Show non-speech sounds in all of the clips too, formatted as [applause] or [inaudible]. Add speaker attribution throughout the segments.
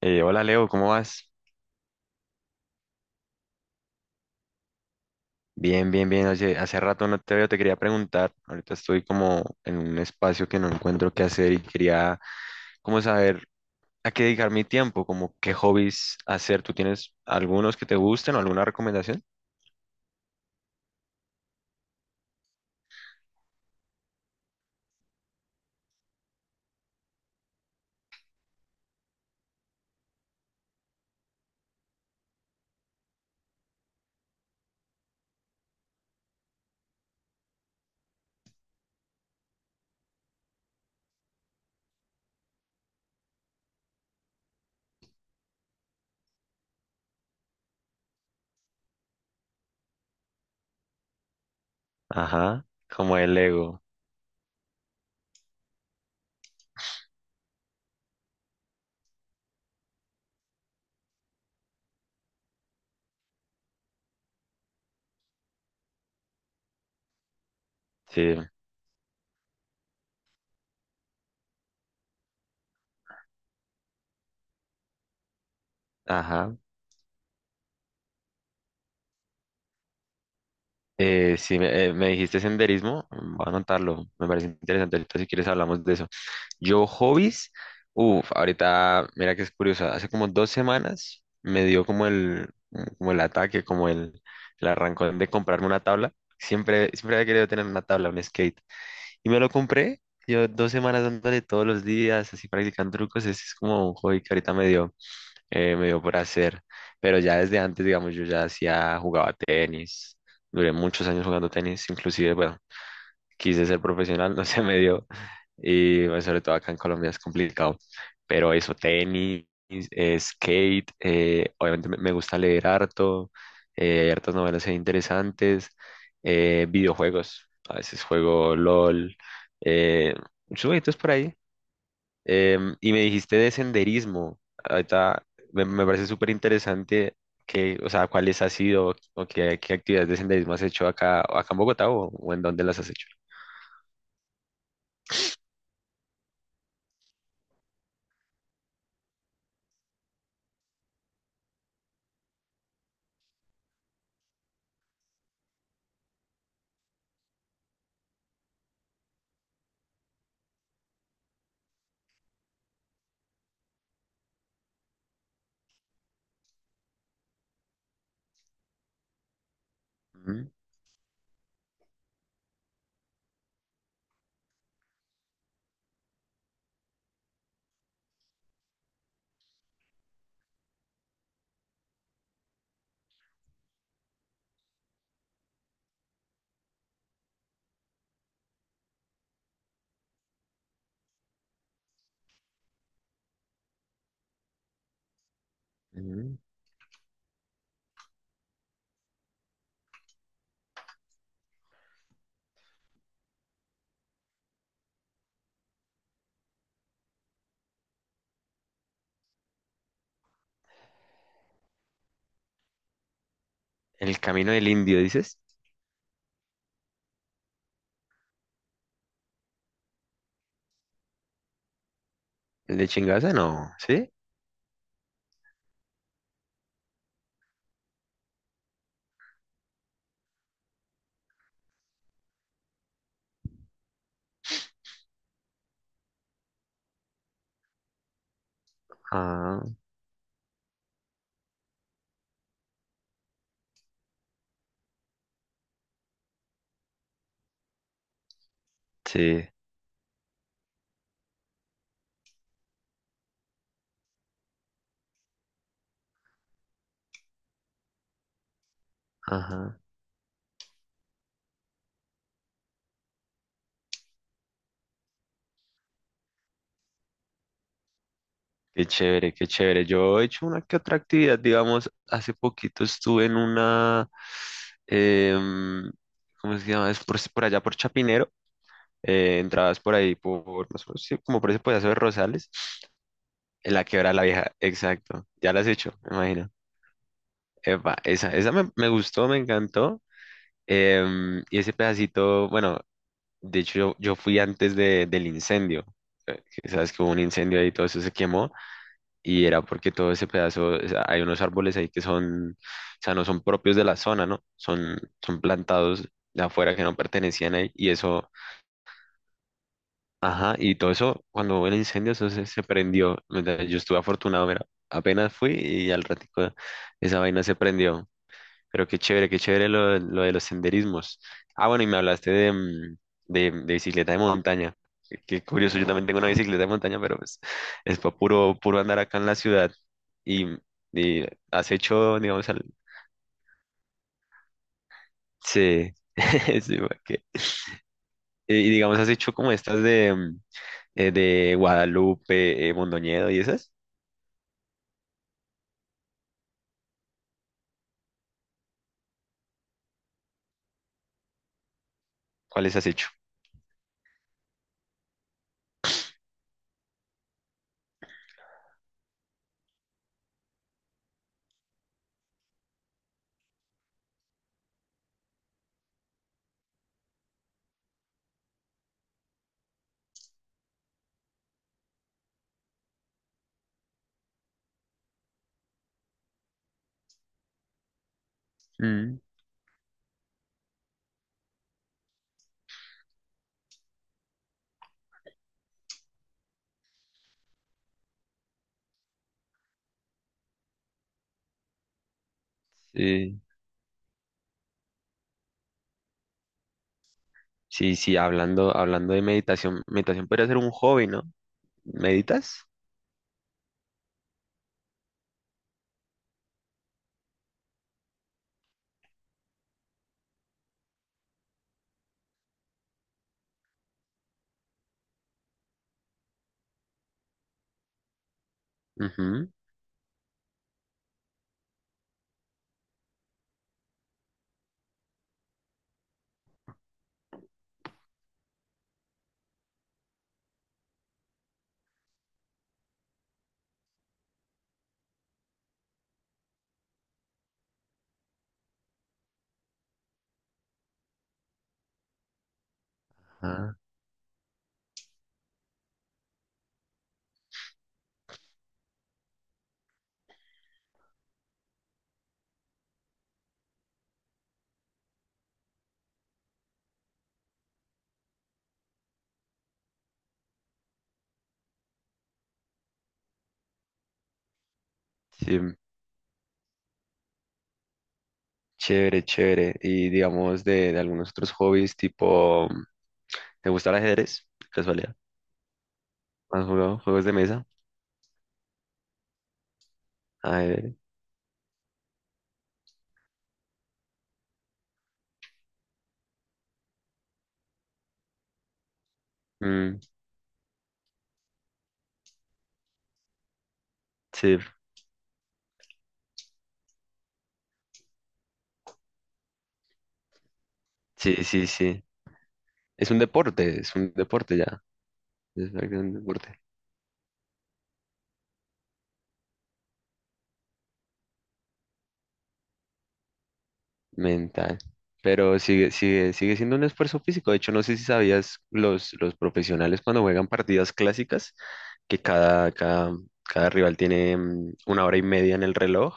Speaker 1: Hola, Leo, ¿cómo vas? Bien, bien, bien. Oye, hace rato no te veo, te quería preguntar. Ahorita estoy como en un espacio que no encuentro qué hacer y quería como saber a qué dedicar mi tiempo, como qué hobbies hacer. ¿Tú tienes algunos que te gusten o alguna recomendación? Ajá, como el Lego. Sí, ajá. Sí, me dijiste senderismo, mm, voy a anotarlo, me parece interesante. Ahorita si quieres hablamos de eso. Yo, hobbies, uff, ahorita, mira que es curioso, hace como dos semanas me dio como el ataque, como el arrancón de comprarme una tabla. Siempre, siempre había querido tener una tabla, un skate, y me lo compré. Yo dos semanas dándole todos los días, así practicando trucos, ese es como un hobby que ahorita me dio por hacer. Pero ya desde antes, digamos, yo ya hacía, jugaba tenis, duré muchos años jugando tenis, inclusive, bueno, quise ser profesional, [laughs] no se me dio, y bueno, sobre todo acá en Colombia es complicado, pero eso, tenis, skate, obviamente me gusta leer harto, hay hartas novelas ahí interesantes, videojuegos, a veces juego LOL, eh, muchos jueguitos por ahí. Y me dijiste de senderismo. Ahorita me parece súper interesante que, o sea, cuáles has sido qué actividades de senderismo has hecho acá en Bogotá o en dónde las has hecho. Ujú, ujú. El Camino del Indio, dices. ¿El de Chingaza? No, ¿sí? Ah, sí. Ajá. Qué chévere, qué chévere. Yo he hecho una que otra actividad, digamos, hace poquito estuve en una, em, ¿cómo se llama? Es por allá por Chapinero, entradas por ahí, por, más o menos, sí, como por ese pedazo de Rosales, en la Quebrada la Vieja, exacto. Ya la has hecho, me imagino. Epa, esa, me gustó, me encantó. Em, y ese pedacito, bueno, de hecho yo fui antes del incendio. Que Sabes que hubo un incendio ahí, y todo eso se quemó. Y era porque todo ese pedazo, o sea, hay unos árboles ahí que son, o sea, no son propios de la zona, ¿no? Son, son plantados de afuera que no pertenecían ahí, y eso, ajá, y todo eso, cuando hubo el incendio, eso se, se prendió, ¿verdad? Yo estuve afortunado, mira, apenas fui y al ratico esa vaina se prendió, pero qué chévere lo de los senderismos. Ah, bueno, y me hablaste de, mm, de bicicleta de montaña. Qué, qué curioso, yo también tengo una bicicleta de montaña, pero pues es puro, puro andar acá en la ciudad. Y, y has hecho, digamos, sí. [laughs] Sí, porque... Y digamos, has hecho como estas de, mm, de Guadalupe, Mondoñedo y esas. ¿Cuáles has hecho? Mm, sí, sí, sí, hablando, hablando de meditación, meditación podría ser un hobby, ¿no? ¿Meditas? Ujú. Sí, chévere, chévere. Y digamos de algunos otros hobbies, tipo, ¿te gusta el ajedrez? De casualidad. ¿Has jugado juegos de mesa? Ajedrez. Mm, sí, sí, sí, sí. Es un deporte ya. Es un deporte. Mental. Pero sigue, sigue, sigue siendo un esfuerzo físico. De hecho, no sé si sabías los profesionales cuando juegan partidas clásicas, que cada rival tiene mm, una hora y media en el reloj,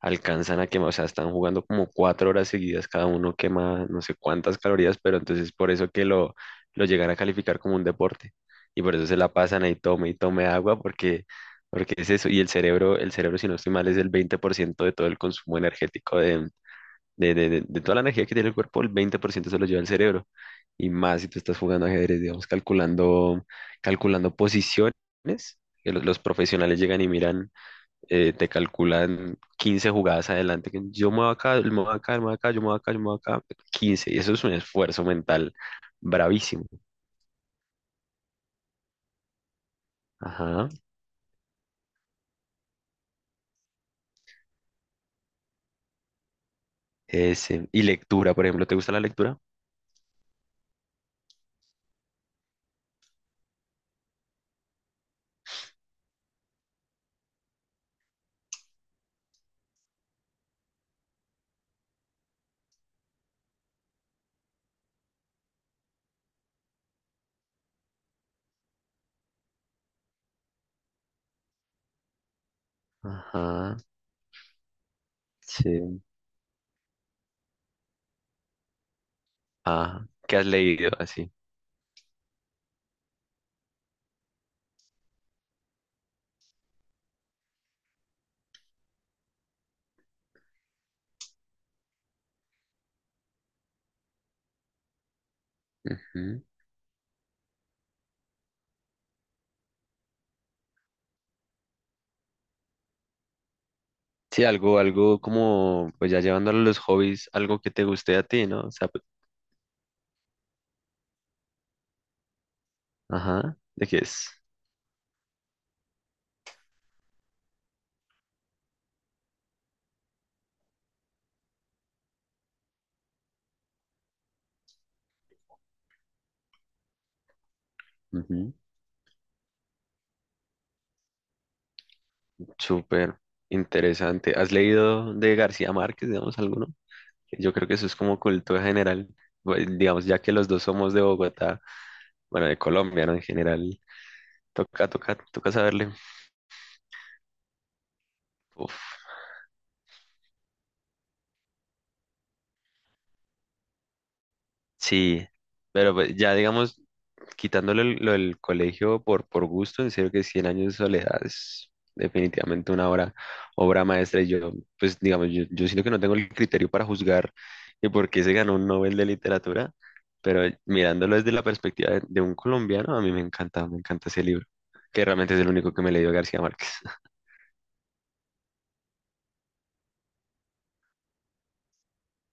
Speaker 1: alcanzan a quemar, o sea, están jugando como cuatro horas seguidas, cada uno quema no sé cuántas calorías, pero entonces por eso que lo llegan a calificar como un deporte. Y por eso se la pasan ahí, tome y tome agua, porque, porque es eso. Y el cerebro, si no estoy mal, es el 20% de todo el consumo energético de toda la energía que tiene el cuerpo, el 20% se lo lleva el cerebro. Y más si tú estás jugando ajedrez, digamos, calculando, calculando posiciones, que los profesionales llegan y miran, te calculan 15 jugadas adelante, que yo muevo acá, yo muevo acá, yo muevo acá, yo muevo acá, yo muevo acá, quince. Y eso es un esfuerzo mental bravísimo. Ajá. Ese. Y lectura, por ejemplo, ¿te gusta la lectura? Ajá. Sí. Ajá. ¿Qué has leído así? Ujú. Sí, algo, algo como, pues ya llevándolo a los hobbies, algo que te guste a ti, ¿no? O sea, pues, ajá, ¿de qué es? Ujú. Súper interesante. ¿Has leído de García Márquez, digamos, alguno? Yo creo que eso es como cultura general, pues, digamos, ya que los dos somos de Bogotá, bueno, de Colombia, ¿no? En general, toca, toca, toca saberle. Uf, sí, pero pues, ya digamos, quitándole lo del colegio por gusto, en serio que Cien años de soledad es definitivamente una obra, obra maestra. Y yo, pues digamos, yo siento que no tengo el criterio para juzgar y por qué se ganó un Nobel de literatura, pero mirándolo desde la perspectiva de un colombiano, a mí me encanta ese libro, que realmente es el único que me he leído de García Márquez. [laughs]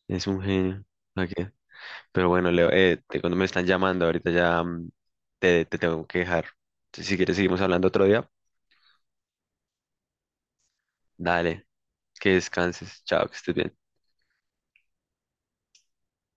Speaker 1: Es un genio. ¿Pa' qué? Pero bueno, Leo, cuando me están llamando ahorita ya mm, te tengo que dejar. Si quieres seguimos hablando otro día, dale. Que descanses. Chao, que estés bien.